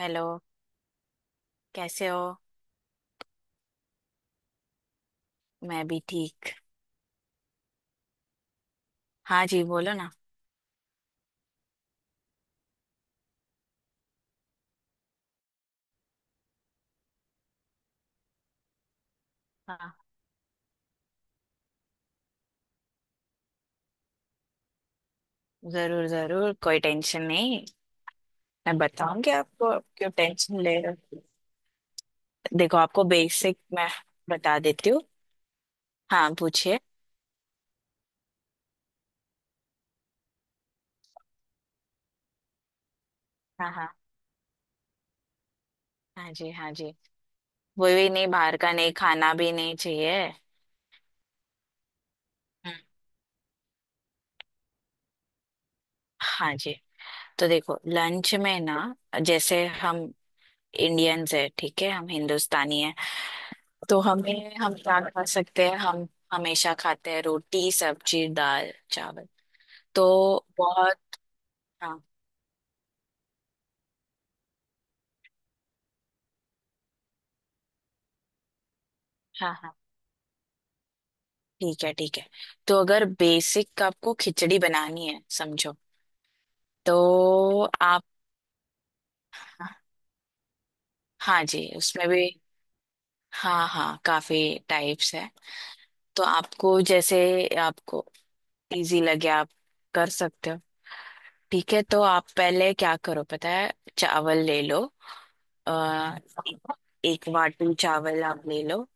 Hello. कैसे हो। मैं भी ठीक। हाँ जी, बोलो ना। हाँ, जरूर जरूर, कोई टेंशन नहीं। मैं बताऊंगी आपको, आप क्यों टेंशन ले रहे हो। देखो, आपको बेसिक मैं बता देती हूँ। हाँ, पूछिए। हाँ हाँ। हाँ जी, हाँ जी। वो भी नहीं, बाहर का नहीं खाना भी नहीं चाहिए। हम्म, हाँ जी। तो देखो, लंच में ना, जैसे हम इंडियंस है, ठीक है, हम हिंदुस्तानी है। तो हमें हम क्या खा सकते हैं, हम हमेशा खाते हैं रोटी सब्जी दाल चावल। तो बहुत। हाँ हाँ। हाँ, ठीक है ठीक है। तो अगर बेसिक आपको खिचड़ी बनानी है, समझो तो आप। हाँ जी, उसमें भी, हाँ हाँ, काफी टाइप्स है। तो आपको जैसे आपको इजी लगे आप कर सकते हो। ठीक है, तो आप पहले क्या करो पता है। चावल ले लो। आ, एक वाटी चावल आप ले लो।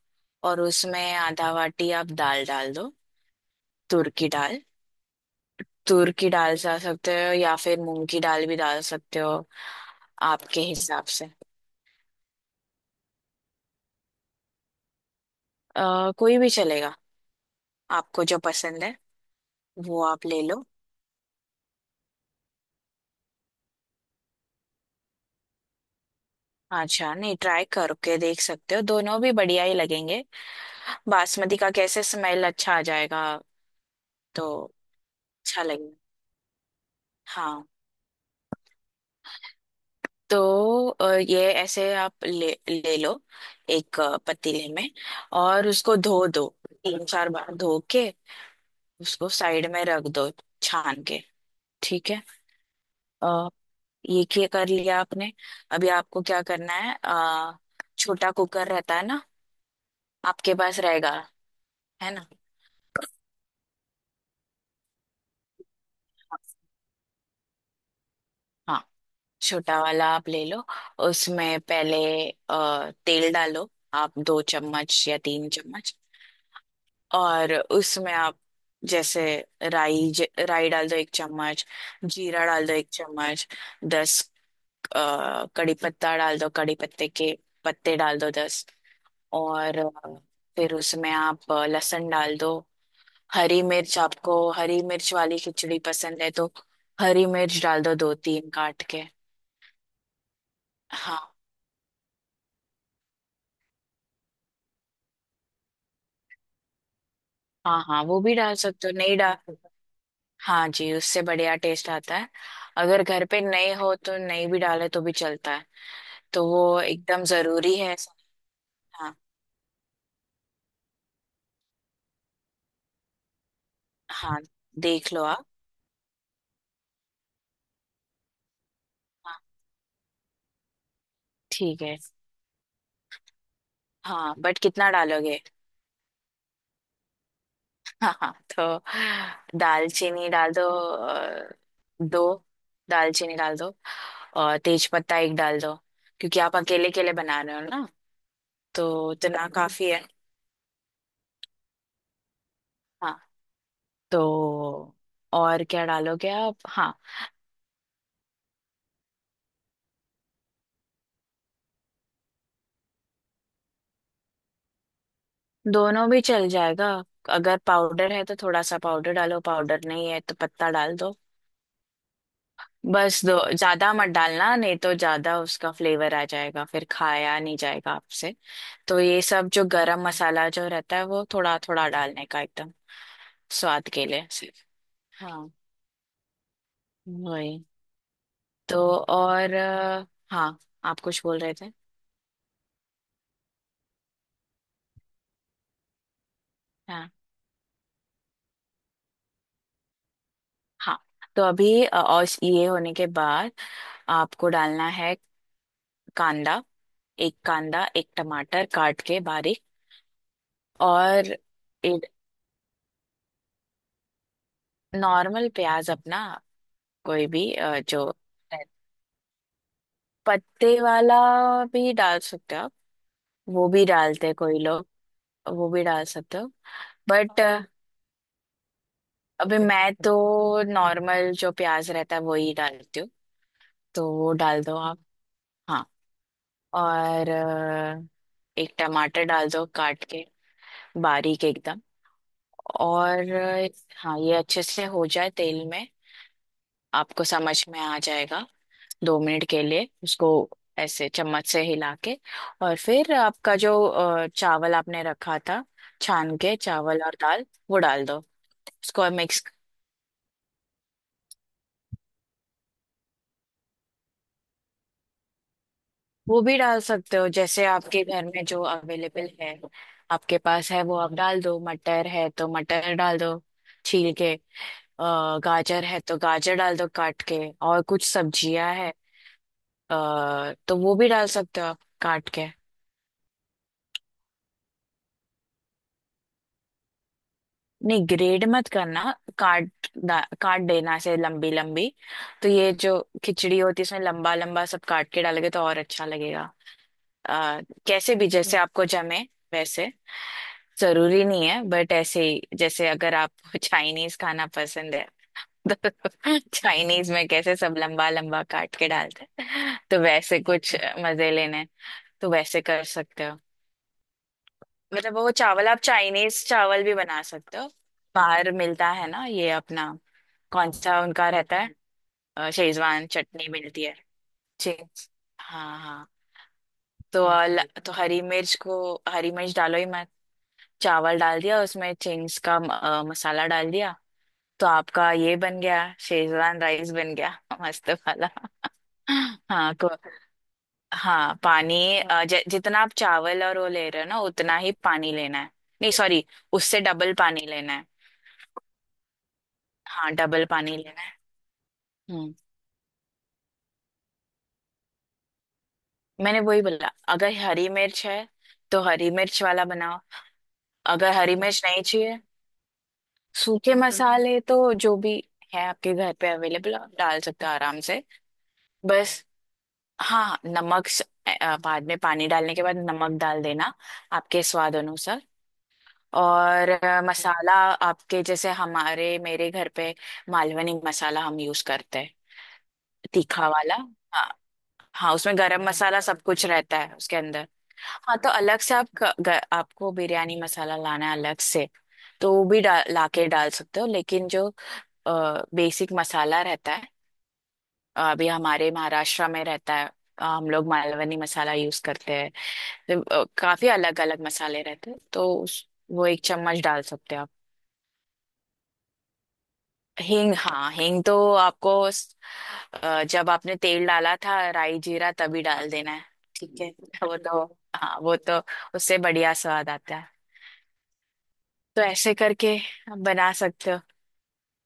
और उसमें आधा वाटी आप दाल डाल दो। तुर की दाल। तूर की दाल डाल सकते हो, या फिर मूंग की दाल भी डाल सकते हो। आपके हिसाब से। कोई भी चलेगा। आपको जो पसंद है वो आप ले लो। अच्छा, नहीं, ट्राई करके देख सकते हो, दोनों भी बढ़िया ही लगेंगे। बासमती का कैसे स्मेल अच्छा आ जाएगा। तो अच्छा लगेगा। हाँ। तो ये ऐसे आप ले ले लो। एक पतीले में। और उसको धो दो, तीन चार बार धो के। उसको साइड में रख दो, छान के। ठीक है। अ, ये क्या कर लिया आपने। अभी आपको क्या करना है, छोटा कुकर रहता है ना, आपके पास रहेगा, है ना। हाँ, छोटा वाला आप ले लो। उसमें पहले तेल डालो, आप दो चम्मच या तीन चम्मच। और उसमें आप जैसे राई डाल दो एक चम्मच। जीरा डाल दो एक चम्मच। दस कड़ी पत्ता डाल दो। कड़ी पत्ते के पत्ते डाल दो 10। और फिर उसमें आप लहसुन डाल दो। हरी मिर्च आपको हरी मिर्च वाली खिचड़ी पसंद है तो हरी मिर्च डाल दो, दो तीन काट के। हाँ हाँ। हाँ, वो भी डाल सकते हो, नहीं डाल। हाँ जी, उससे बढ़िया टेस्ट आता है। अगर घर पे नहीं हो तो नहीं भी डाले तो भी चलता है। तो वो एकदम जरूरी है। हाँ हाँ, देख लो आप। हाँ, ठीक है। हाँ, बट कितना डालोगे। हाँ हाँ, तो दालचीनी डाल दो अ, दो दालचीनी डाल दो। और तेज पत्ता एक डाल दो। क्योंकि आप अकेले के लिए बना रहे हो ना, तो इतना काफी है। हाँ, तो और क्या डालोगे आप। हाँ, दोनों भी चल जाएगा। अगर पाउडर है तो थोड़ा सा पाउडर डालो, पाउडर नहीं है तो पत्ता डाल दो। बस दो। ज्यादा मत डालना, नहीं तो ज्यादा उसका फ्लेवर आ जाएगा, फिर खाया नहीं जाएगा आपसे। तो ये सब जो गरम मसाला जो रहता है, वो थोड़ा थोड़ा डालने का, एकदम स्वाद के लिए सिर्फ। हाँ, वही। तो और हाँ, आप कुछ बोल रहे थे। हाँ हाँ, तो अभी और ये होने के बाद आपको डालना है कांदा। एक कांदा, एक टमाटर काट के बारीक। और नॉर्मल प्याज अपना, कोई भी जो पत्ते वाला भी डाल सकते हो आप। वो भी डालते हैं कोई लोग, वो भी डाल सकते हो। बट अभी मैं तो नॉर्मल जो प्याज रहता है वही डालती हूँ। तो वो डाल दो आप। हाँ। और एक टमाटर डाल दो काट के, बारीक एकदम। और हाँ, ये अच्छे से हो जाए तेल में, आपको समझ में आ जाएगा। 2 मिनट के लिए उसको ऐसे चम्मच से हिला के। और फिर आपका जो चावल आपने रखा था छान के, चावल और दाल वो डाल दो। उसको मिक्स। वो भी डाल सकते हो, जैसे आपके घर में जो अवेलेबल है, आपके पास है वो आप डाल दो। मटर है तो मटर डाल दो, छील के। गाजर है तो गाजर डाल दो, काट के। और कुछ सब्जियां है, तो वो भी डाल सकते हो आप काट के। नहीं, ग्रेड मत करना। काट देना ऐसे लंबी लंबी। तो ये जो खिचड़ी होती है, इसमें लंबा लंबा सब काट के डालोगे तो और अच्छा लगेगा। आ, कैसे भी जैसे आपको जमे वैसे। जरूरी नहीं है, बट ऐसे ही जैसे अगर आपको चाइनीज खाना पसंद है, तो चाइनीज में कैसे सब लंबा लंबा काट के डालते हैं, तो वैसे कुछ मजे लेने हैं, तो वैसे कर सकते हो। मतलब वो चावल आप चाइनीज चावल भी बना सकते हो। बाहर मिलता है ना ये अपना, कौन सा उनका रहता है। शेजवान चटनी मिलती है। जी, हाँ हाँ। तो हरी मिर्च डालो ही मत। चावल डाल दिया, उसमें चिंग्स का मसाला डाल दिया। तो आपका ये बन गया, शेजवान राइस बन गया। मस्त वाला। हाँ को हाँ, पानी जितना आप चावल और वो ले रहे हो ना उतना ही पानी लेना है। नहीं, सॉरी। उससे डबल पानी लेना है। हाँ, डबल पानी लेना है। हम्म, मैंने वही बोला। अगर हरी मिर्च है तो हरी मिर्च वाला बनाओ। अगर हरी मिर्च नहीं चाहिए। सूखे मसाले तो जो भी है आपके घर पे अवेलेबल, आप डाल सकते हो आराम से। बस। हाँ, बाद में पानी डालने के बाद नमक डाल देना, आपके स्वाद अनुसार। और मसाला आपके जैसे हमारे मेरे घर पे मालवनी मसाला हम यूज करते हैं। तीखा वाला। हाँ हाँ, उसमें गरम मसाला सब कुछ रहता है उसके अंदर। हाँ, तो अलग से आप आपको बिरयानी मसाला लाना है अलग से, तो वो भी लाके डाल सकते हो, लेकिन जो बेसिक मसाला रहता है, अभी हमारे महाराष्ट्र में रहता है, हम लोग मालवनी मसाला यूज करते हैं। तो काफी अलग अलग मसाले रहते हैं, तो वो एक चम्मच डाल सकते हैं आप। हींग। हाँ, हींग तो आपको, जब आपने तेल डाला था राई जीरा तभी डाल देना है। ठीक है। वो तो, हाँ वो तो उससे बढ़िया स्वाद आता है। तो ऐसे करके आप बना सकते हो।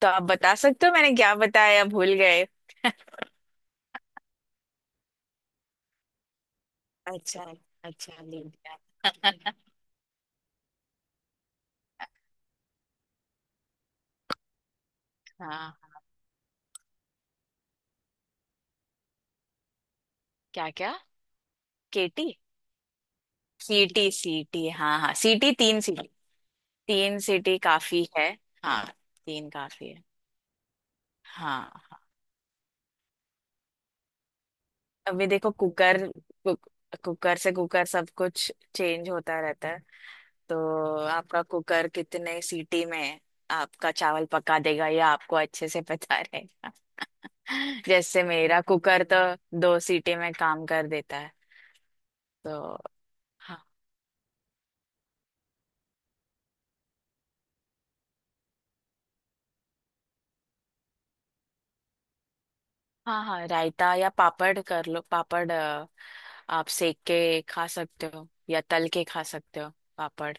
तो आप बता सकते हो मैंने क्या बताया, भूल गए? अच्छा, अच्छा। आ- हाँ, क्या क्या। केटी सीटी सीटी, हाँ हाँ, सीटी तीन सीटी। तीन सीटी काफी है। हाँ, तीन काफी है। हाँ, अभी देखो, कुकर से कुकर सब कुछ चेंज होता रहता है। तो आपका कुकर कितने सीटी में आपका चावल पका देगा, ये आपको अच्छे से पता रहेगा। जैसे मेरा कुकर तो दो सीटी में काम कर देता है। तो हाँ हाँ, रायता या पापड़ कर लो, पापड़ आप सेक के खा सकते हो या तल के खा सकते हो, पापड़।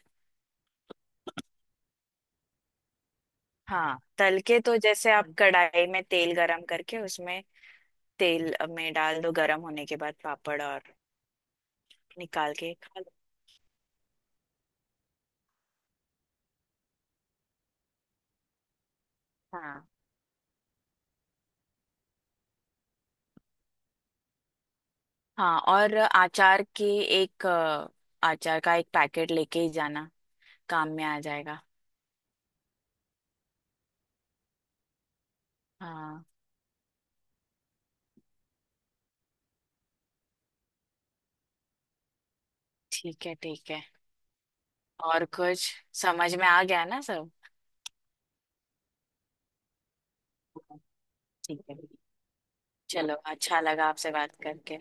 हाँ, तल के तो जैसे आप कढ़ाई में तेल गरम करके उसमें तेल में डाल दो, गरम होने के बाद पापड़, और निकाल के खा लो। हाँ हाँ। और एक अ, अचार का एक पैकेट लेके ही जाना, काम में आ जाएगा। हाँ, ठीक है ठीक है। और कुछ? समझ में आ गया ना सब? हाँ, ठीक है। चलो, अच्छा लगा आपसे बात करके।